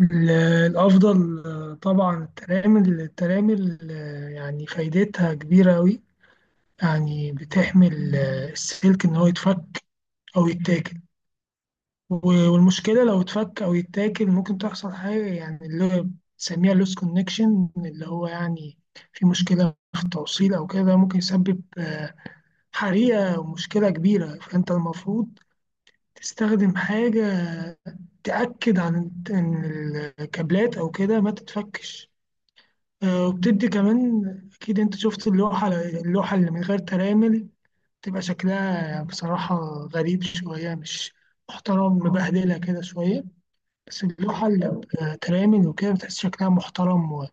ال- الأفضل، طبعا الترامل يعني فايدتها كبيرة أوي. يعني بتحمي السلك إن هو يتفك أو يتاكل. والمشكلة لو اتفك أو يتاكل ممكن تحصل حاجة، يعني اللي بنسميها لوس كونكشن، اللي هو يعني في مشكلة في التوصيل أو كده، ممكن يسبب حريقة ومشكلة كبيرة. فأنت المفروض تستخدم حاجة تأكد عن إن الكابلات أو كده ما تتفكش. وبتدي كمان، أكيد أنت شفت اللوحة اللي من غير ترامل تبقى شكلها بصراحة غريب شوية، مش محترم، مبهدلة كده شوية. بس اللوحة اللي بترامل وكده بتحس شكلها محترم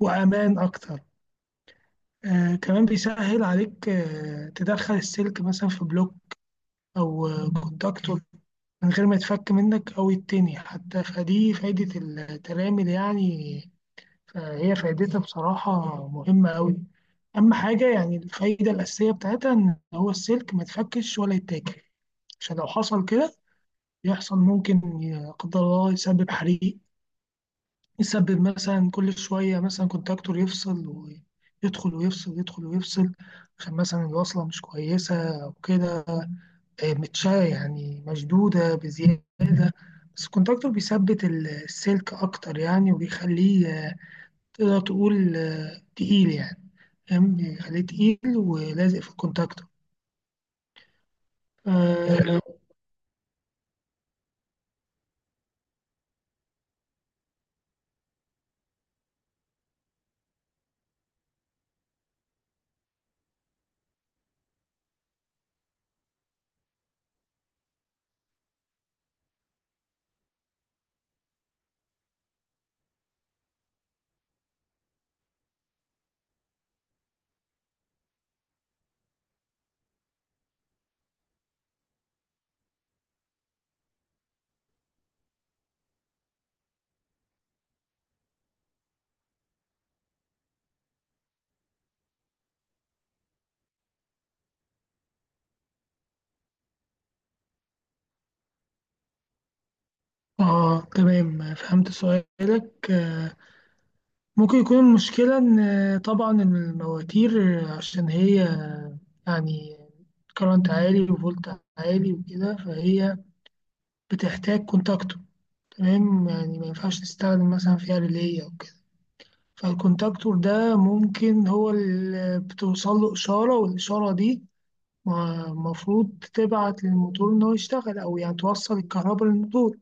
وأمان أكتر. كمان بيسهل عليك تدخل السلك مثلا في بلوك أو كونتاكتور من غير ما يتفك منك أو يتني حتى، فدي فايدة الترامل يعني. فهي فايدتها بصراحة مهمة أوي. أهم حاجة يعني الفايدة الأساسية بتاعتها إن هو السلك ما يتفكش ولا يتاكل، عشان لو حصل كده يحصل ممكن لا قدر الله يسبب حريق، يسبب مثلا كل شوية مثلا كونتاكتور يفصل ويدخل ويفصل، يدخل ويفصل، عشان مثلا الوصلة مش كويسة أو كده، متشا يعني مشدودة بزيادة. بس الكونتاكتور بيثبت السلك أكتر يعني، وبيخليه تقدر تقول تقيل يعني. فاهم، بيخليه تقيل ولازق في الكونتاكتور. حلو. اه، تمام، فهمت سؤالك. ممكن يكون المشكلة إن طبعا إن المواتير، عشان هي يعني كرنت عالي وفولت عالي وكده، فهي بتحتاج كونتاكتور. تمام يعني ما ينفعش تستخدم مثلا فيها ريلي أو كده. فالكونتاكتور ده ممكن هو اللي بتوصل له إشارة، والإشارة دي المفروض تبعت للموتور إن هو يشتغل، أو يعني توصل الكهرباء للموتور.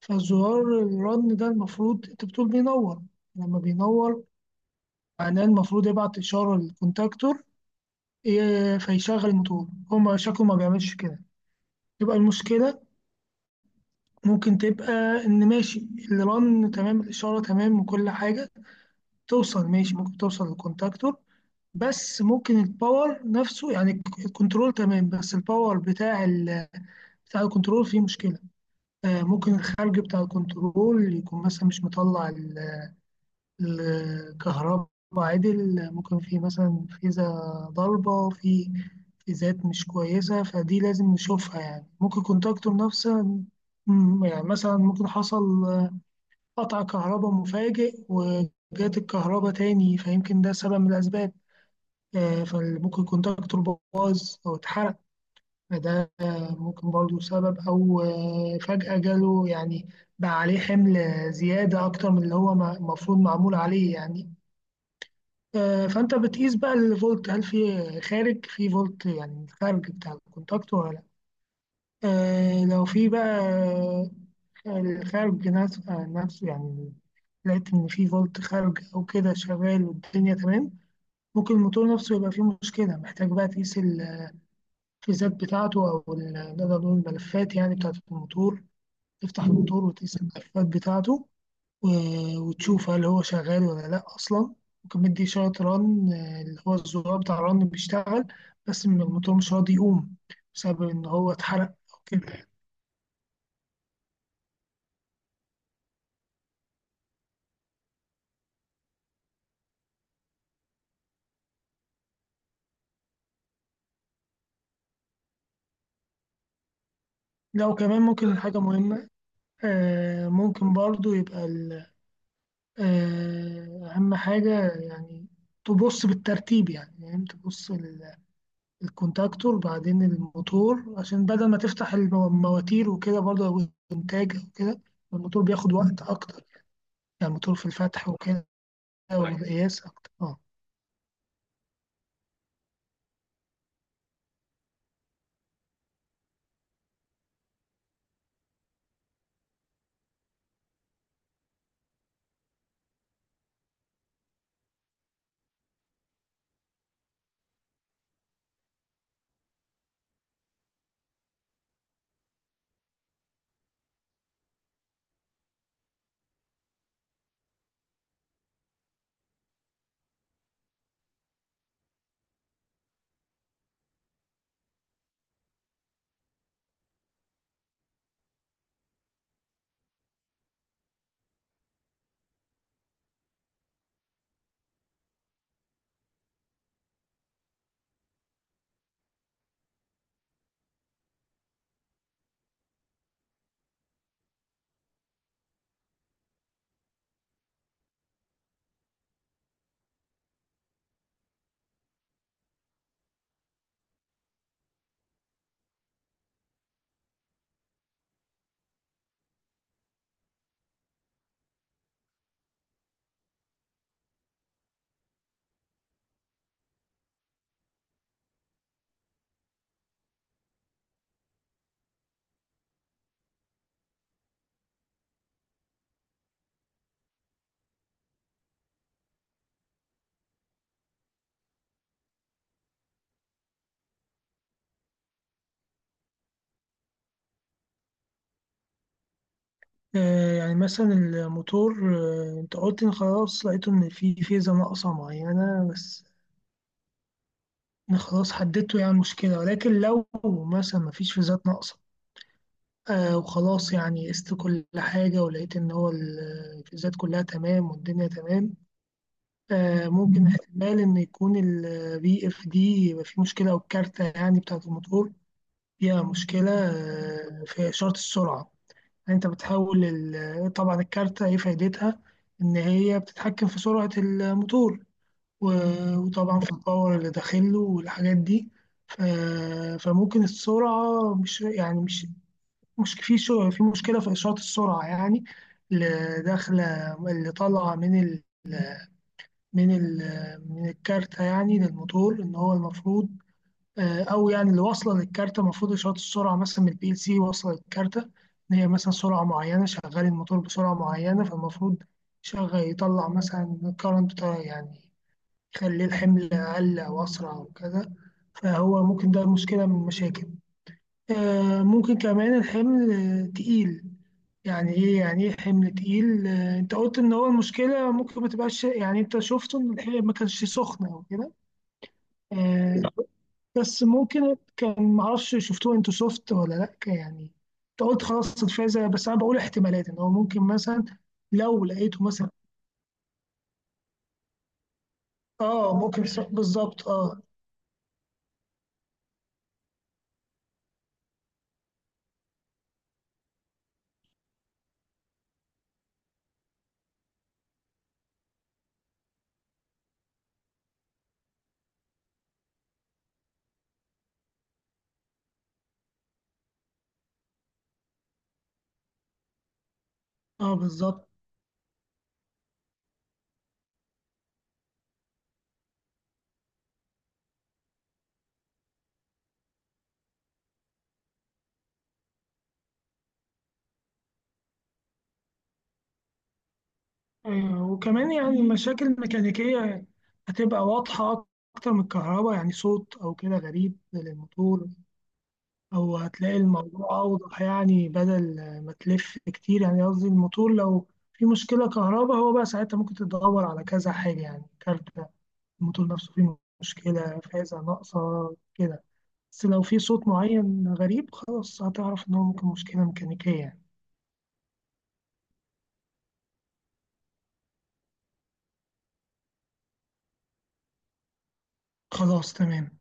فزرار الرن ده المفروض أنت بتقول بينور. لما بينور معناه المفروض يبعت إشارة للكونتاكتور فيشغل الموتور. هو ما شكله ما بيعملش كده، تبقى المشكلة ممكن تبقى إن ماشي الرن تمام، الإشارة تمام، وكل حاجة توصل ماشي، ممكن توصل للكونتاكتور. بس ممكن الباور نفسه، يعني الكنترول تمام، بس الباور بتاع ال بتاع الكنترول فيه مشكلة. ممكن الخارج بتاع الكنترول يكون مثلا مش مطلع الكهرباء عدل. ممكن في مثلا فيزا ضربة، في فيزات مش كويسة، فدي لازم نشوفها. يعني ممكن كونتاكتور نفسه، يعني مثلا ممكن حصل قطع كهرباء مفاجئ وجات الكهرباء تاني، فيمكن ده سبب من الأسباب. فممكن كونتاكتور باظ أو اتحرق، فده ممكن برضو سبب. أو فجأة جاله يعني بقى عليه حمل زيادة أكتر من اللي هو المفروض معمول عليه يعني. فأنت بتقيس بقى الفولت، هل في خارج، في فولت يعني الخارج بتاع الكونتاكت، ولا لأ. لو في بقى الخارج نفسه يعني، لقيت إن في فولت خارج أو كده شغال والدنيا تمام، ممكن الموتور نفسه يبقى فيه مشكلة، محتاج بقى تقيس الفيزات بتاعته، أو نقدر نقول الملفات يعني بتاعة الموتور، تفتح الموتور وتقيس الملفات بتاعته وتشوف هل هو شغال ولا لأ أصلا. ممكن مدي إشارة رن، اللي هو الزرار بتاع الرن بيشتغل، بس الموتور مش راضي يقوم بسبب إن هو اتحرق أو كده. لو كمان ممكن حاجة مهمة، ممكن برضو يبقى أهم حاجة يعني تبص بالترتيب، يعني تبص الكونتاكتور بعدين الموتور، عشان بدل ما تفتح المواتير وكده برضه، أو الإنتاج أو كده، الموتور بياخد وقت أكتر يعني، الموتور في الفتح وكده والقياس أكتر. يعني مثلا الموتور، أنت قلت إن خلاص لقيته إن في فيزا ناقصة معينة بس. أنا خلاص حددته يعني المشكلة، ولكن لو مثلا مفيش فيزات ناقصة، وخلاص يعني قست كل حاجة ولقيت إن هو الفيزات كلها تمام والدنيا تمام، ممكن احتمال إن يكون البي اف دي يبقى فيه مشكلة، أو الكارتة يعني بتاعة الموتور فيها مشكلة في إشارة السرعة. يعني أنت بتحول طبعا الكارتة إيه فايدتها؟ إن هي بتتحكم في سرعة الموتور وطبعا في الباور اللي داخله والحاجات دي. ف- فممكن السرعة مش يعني مش مش في مشكلة في إشارة السرعة، يعني اللي داخلة، اللي طالعة من من الكارتة يعني للموتور، ان هو المفروض او يعني اللي واصله للكارتة، المفروض اشارات السرعه مثلا من البي ال سي واصله للكارتة ان هي مثلا سرعه معينه، شغال الموتور بسرعه معينه، فالمفروض شغال يطلع مثلا كارنت بتاع يعني يخلي الحمل اقل او اسرع او كده، فهو ممكن ده مشكله من المشاكل. ممكن كمان الحمل تقيل. يعني ايه حمل تقيل. انت قلت ان هو المشكله ممكن ما تبقاش، يعني انت شفته ان الحمل ما كانش سخن او كده. آه، بس ممكن كان ما اعرفش، شفتوه انتوا سوفت ولا لا يعني. انت قلت خلاص الفازه، بس انا بقول احتمالات ان هو ممكن مثلا لو لقيته مثلا. اه، ممكن بالظبط. اه. اه بالظبط. وكمان يعني المشاكل الميكانيكية هتبقى واضحة أكتر من الكهرباء، يعني صوت أو كده غريب للموتور. أو هتلاقي الموضوع أوضح يعني، بدل ما تلف كتير، يعني قصدي الموتور لو في مشكلة كهرباء هو بقى ساعتها ممكن تدور على كذا حاجة، يعني كارتة الموتور نفسه فيه مشكلة، فازة ناقصة، كده. بس لو في صوت معين غريب خلاص هتعرف إن هو ممكن مشكلة ميكانيكية يعني. خلاص تمام.